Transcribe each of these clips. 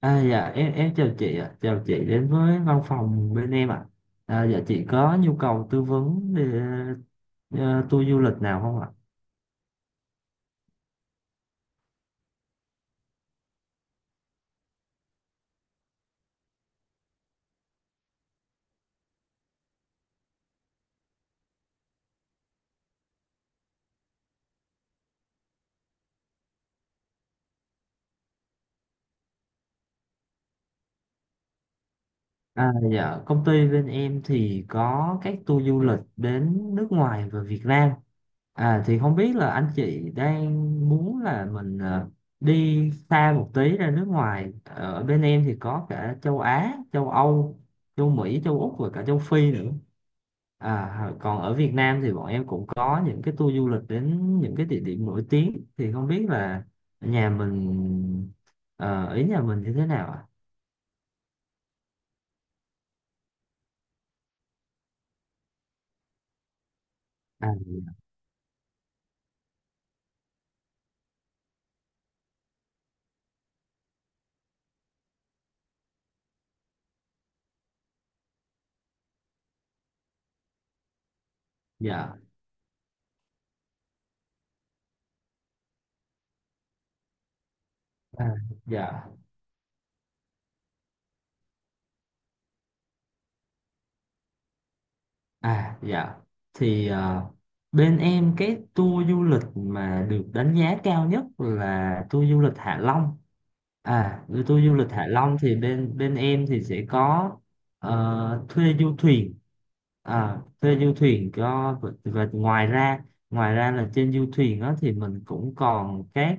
À, dạ em chào chị ạ, chào chị đến với văn phòng bên em ạ. À, dạ chị có nhu cầu tư vấn để ờ, tour du lịch nào không ạ? À, dạ công ty bên em thì có các tour du lịch đến nước ngoài và Việt Nam. À, thì không biết là anh chị đang muốn là mình đi xa một tí ra nước ngoài. Ở bên em thì có cả châu Á, châu Âu, châu Mỹ, châu Úc và cả châu Phi nữa. À, còn ở Việt Nam thì bọn em cũng có những cái tour du lịch đến những cái địa điểm nổi tiếng, thì không biết là nhà mình ý nhà mình như thế nào ạ? À, dạ. À, dạ. À, dạ. Thì ờ, bên em cái tour du lịch mà được đánh giá cao nhất là tour du lịch Hạ Long. À, với tour du lịch Hạ Long thì bên bên em thì sẽ có thuê du thuyền. Và ngoài ra là trên du thuyền đó thì mình cũng còn các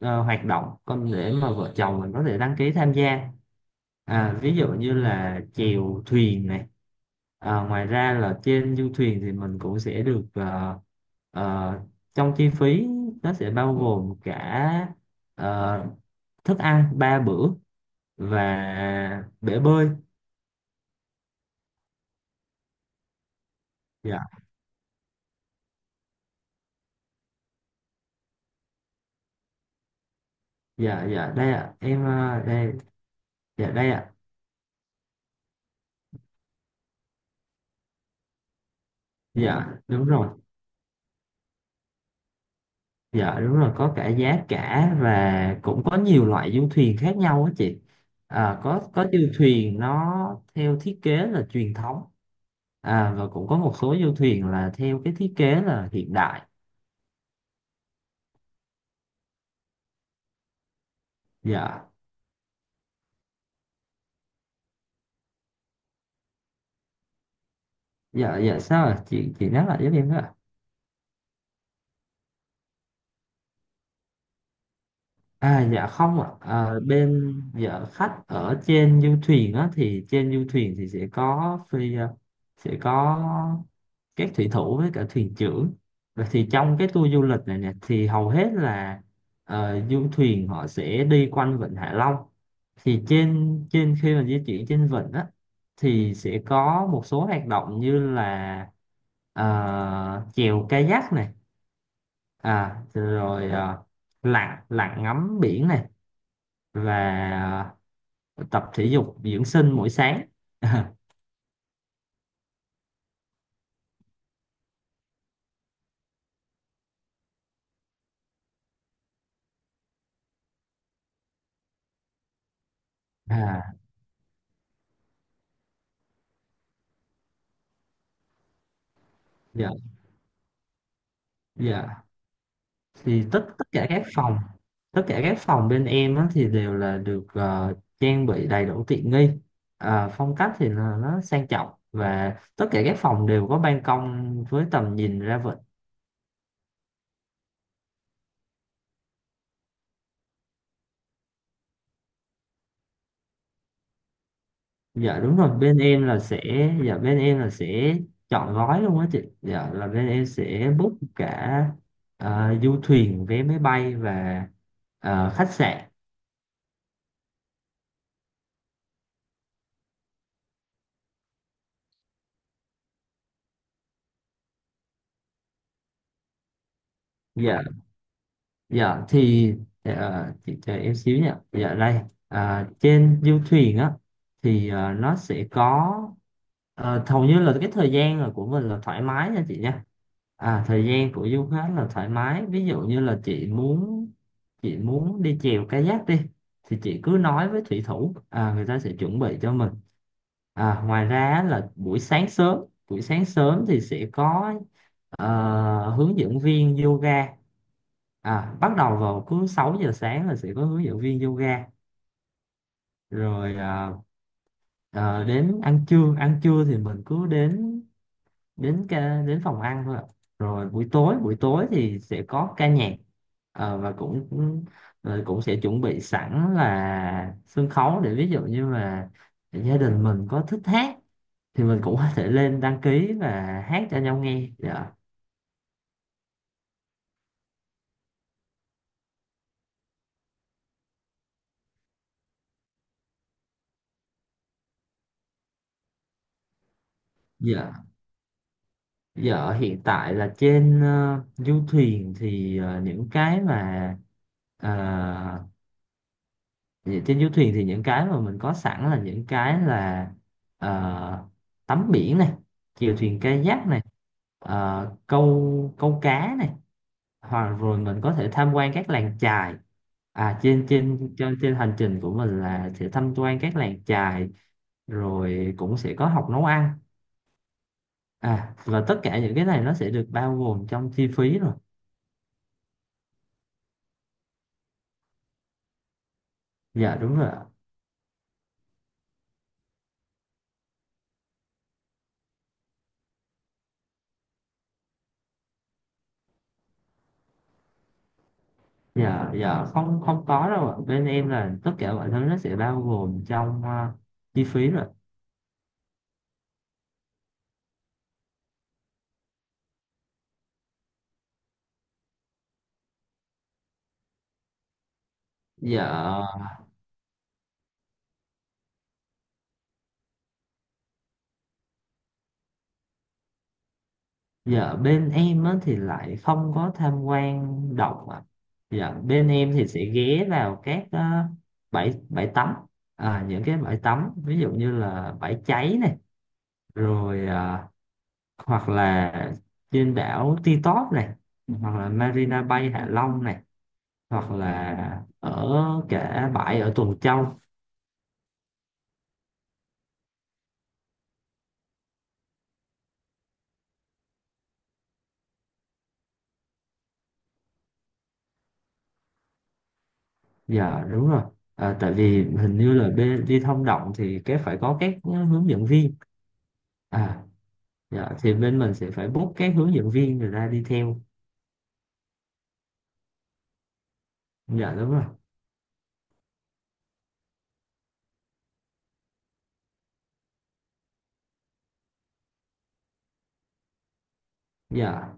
hoạt động con để mà vợ chồng mình có thể đăng ký tham gia. À, ví dụ như là chèo thuyền này. À, ngoài ra là trên du thuyền thì mình cũng sẽ được, ờ, trong chi phí nó sẽ bao gồm cả ờ, thức ăn ba bữa và bể bơi. Dạ, dạ, dạ, đây ạ em. Ờ, Đây, dạ đây ạ. Dạ đúng rồi. Dạ đúng rồi, có cả giá cả và cũng có nhiều loại du thuyền khác nhau á chị. À, có du thuyền nó theo thiết kế là truyền thống, à, và cũng có một số du thuyền là theo cái thiết kế là hiện đại. Dạ, dạ, dạ, sao ạ? Chị nhắc lại giúp em với ạ. À, dạ không ạ. À, bên dạ khách ở trên du thuyền á, thì trên du thuyền thì sẽ sẽ có các thủy thủ với cả thuyền trưởng. Và thì trong cái tour du lịch này nè thì hầu hết là du thuyền họ sẽ đi quanh vịnh Hạ Long. Thì trên trên khi mà di chuyển trên vịnh á thì sẽ có một số hoạt động như là chèo kayak này, à, rồi lặn lặn ngắm biển này, và tập thể dục dưỡng sinh mỗi sáng à, dạ. Dạ, thì tất tất cả các phòng tất cả các phòng bên em á, thì đều là được trang bị đầy đủ tiện nghi. À, phong cách thì là nó sang trọng, và tất cả các phòng đều có ban công với tầm nhìn ra vịnh. Dạ đúng rồi, bên em là sẽ chọn gói luôn á chị. Dạ, là bên em sẽ book cả du thuyền, vé máy bay và khách sạn. Dạ, dạ, chị chờ em xíu nha. Dạ, đây. À, trên du thuyền á, thì nó sẽ có hầu như là cái thời gian là của mình là thoải mái nha chị nha. À, thời gian của du khách là thoải mái, ví dụ như là chị muốn đi chèo kayak đi, thì chị cứ nói với thủy thủ, à, người ta sẽ chuẩn bị cho mình. À, ngoài ra là buổi sáng sớm thì sẽ có hướng dẫn viên yoga. À, bắt đầu vào cứ 6 giờ sáng là sẽ có hướng dẫn viên yoga. Rồi, đến ăn trưa, ăn trưa thì mình cứ đến đến ca, đến phòng ăn thôi ạ. Rồi buổi tối, buổi tối thì sẽ có ca nhạc. Ờ, và cũng cũng- Rồi cũng sẽ chuẩn bị sẵn là sân khấu để ví dụ như là gia đình mình có thích hát thì mình cũng có thể lên đăng ký và hát cho nhau nghe. Dạ. Dạ, giờ ở hiện tại là trên du thuyền thì, ờ, những cái mà ờ, vậy trên du thuyền thì những cái mà mình có sẵn là những cái là ờ, tắm biển này, chèo thuyền kayak này, câu câu cá này, hoặc rồi mình có thể tham quan các làng chài. À, trên trên trên trên hành trình của mình là sẽ tham quan các làng chài, rồi cũng sẽ có học nấu ăn. À, và tất cả những cái này nó sẽ được bao gồm trong chi phí rồi. Dạ đúng rồi ạ. Dạ, dạ, không không có đâu ạ, bên em là tất cả mọi thứ nó sẽ bao gồm trong chi phí rồi. Dạ. Dạ, bên em á, thì lại không có tham quan động ạ. Dạ, bên em thì sẽ ghé vào các bãi bãi tắm. À, những cái bãi tắm ví dụ như là bãi cháy này, rồi ờ, hoặc là trên đảo Ti Tóp này, hoặc là Marina Bay Hạ Long này, hoặc là ở cả bãi ở Tuần Châu. Dạ đúng rồi. À, tại vì hình như là bên đi thông động thì cái phải có các hướng dẫn viên. À, dạ thì bên mình sẽ phải book các hướng dẫn viên người ta đi theo. Dạ đúng rồi. Dạ,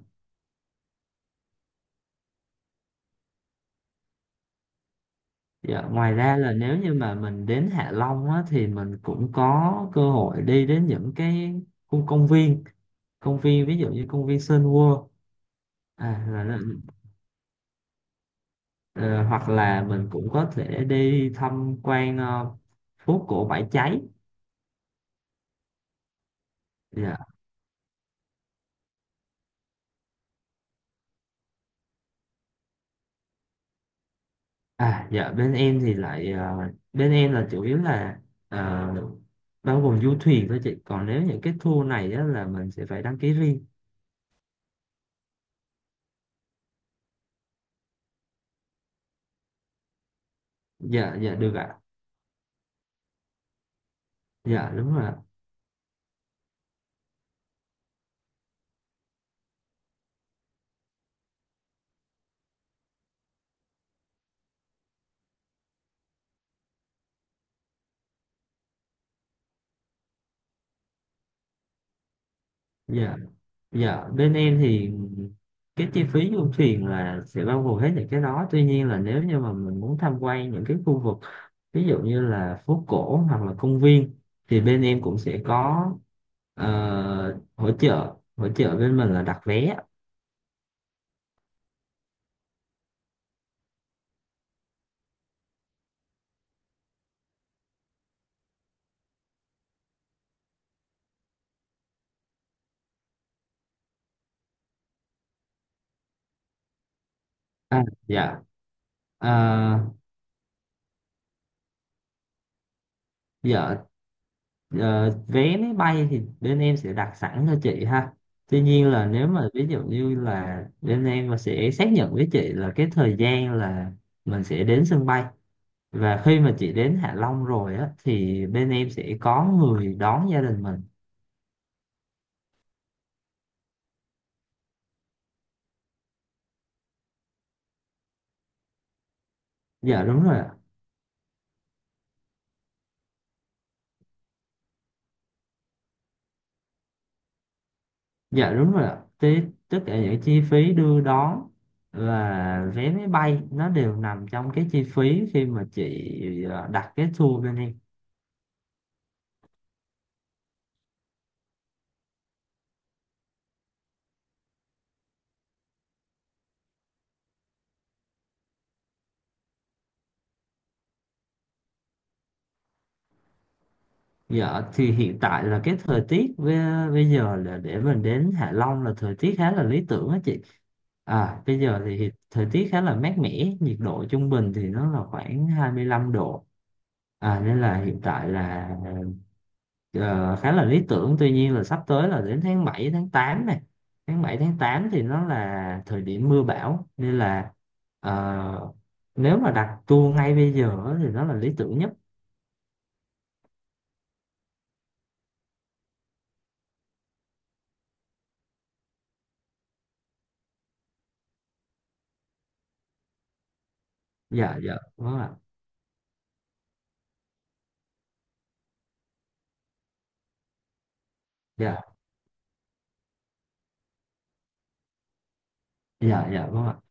dạ, ngoài ra là nếu như mà mình đến Hạ Long á, thì mình cũng có cơ hội đi đến những cái khu công viên, công viên ví dụ như công viên Sun World, à, là, là, ờ, hoặc là mình cũng có thể đi tham quan phố cổ Bãi Cháy. Dạ. À, dạ, bên em là chủ yếu là ờ, bao gồm du thuyền thôi chị, còn nếu những cái tour này á, là mình sẽ phải đăng ký riêng. Dạ, dạ được ạ. Dạ đúng rồi ạ. Dạ, dạ, bên em thì cái chi phí du thuyền là sẽ bao gồm hết những cái đó, tuy nhiên là nếu như mà mình muốn tham quan những cái khu vực ví dụ như là phố cổ hoặc là công viên thì bên em cũng sẽ có hỗ trợ bên mình là đặt vé. À, dạ. À, dạ. Ờ, vé máy bay thì bên em sẽ đặt sẵn cho chị ha. Tuy nhiên là nếu mà ví dụ như là bên em mà sẽ xác nhận với chị là cái thời gian là mình sẽ đến sân bay, và khi mà chị đến Hạ Long rồi á thì bên em sẽ có người đón gia đình mình. Dạ đúng rồi ạ. Dạ đúng rồi ạ. Thế tất cả những chi phí đưa đón và vé máy bay nó đều nằm trong cái chi phí khi mà chị đặt cái tour bên em. Dạ, thì hiện tại là cái thời tiết với, bây giờ là để mình đến Hạ Long là thời tiết khá là lý tưởng á chị. À, bây giờ thì thời tiết khá là mát mẻ, nhiệt độ trung bình thì nó là khoảng 25 độ. À, nên là hiện tại là ờ, khá là lý tưởng. Tuy nhiên là sắp tới là đến tháng 7, tháng 8 này. Tháng bảy, tháng 8 thì nó là thời điểm mưa bão, nên là ờ, nếu mà đặt tour ngay bây giờ á thì nó là lý tưởng nhất. Dạ, dạ đúng ạ. Dạ. Dạ, dạ vâng ạ.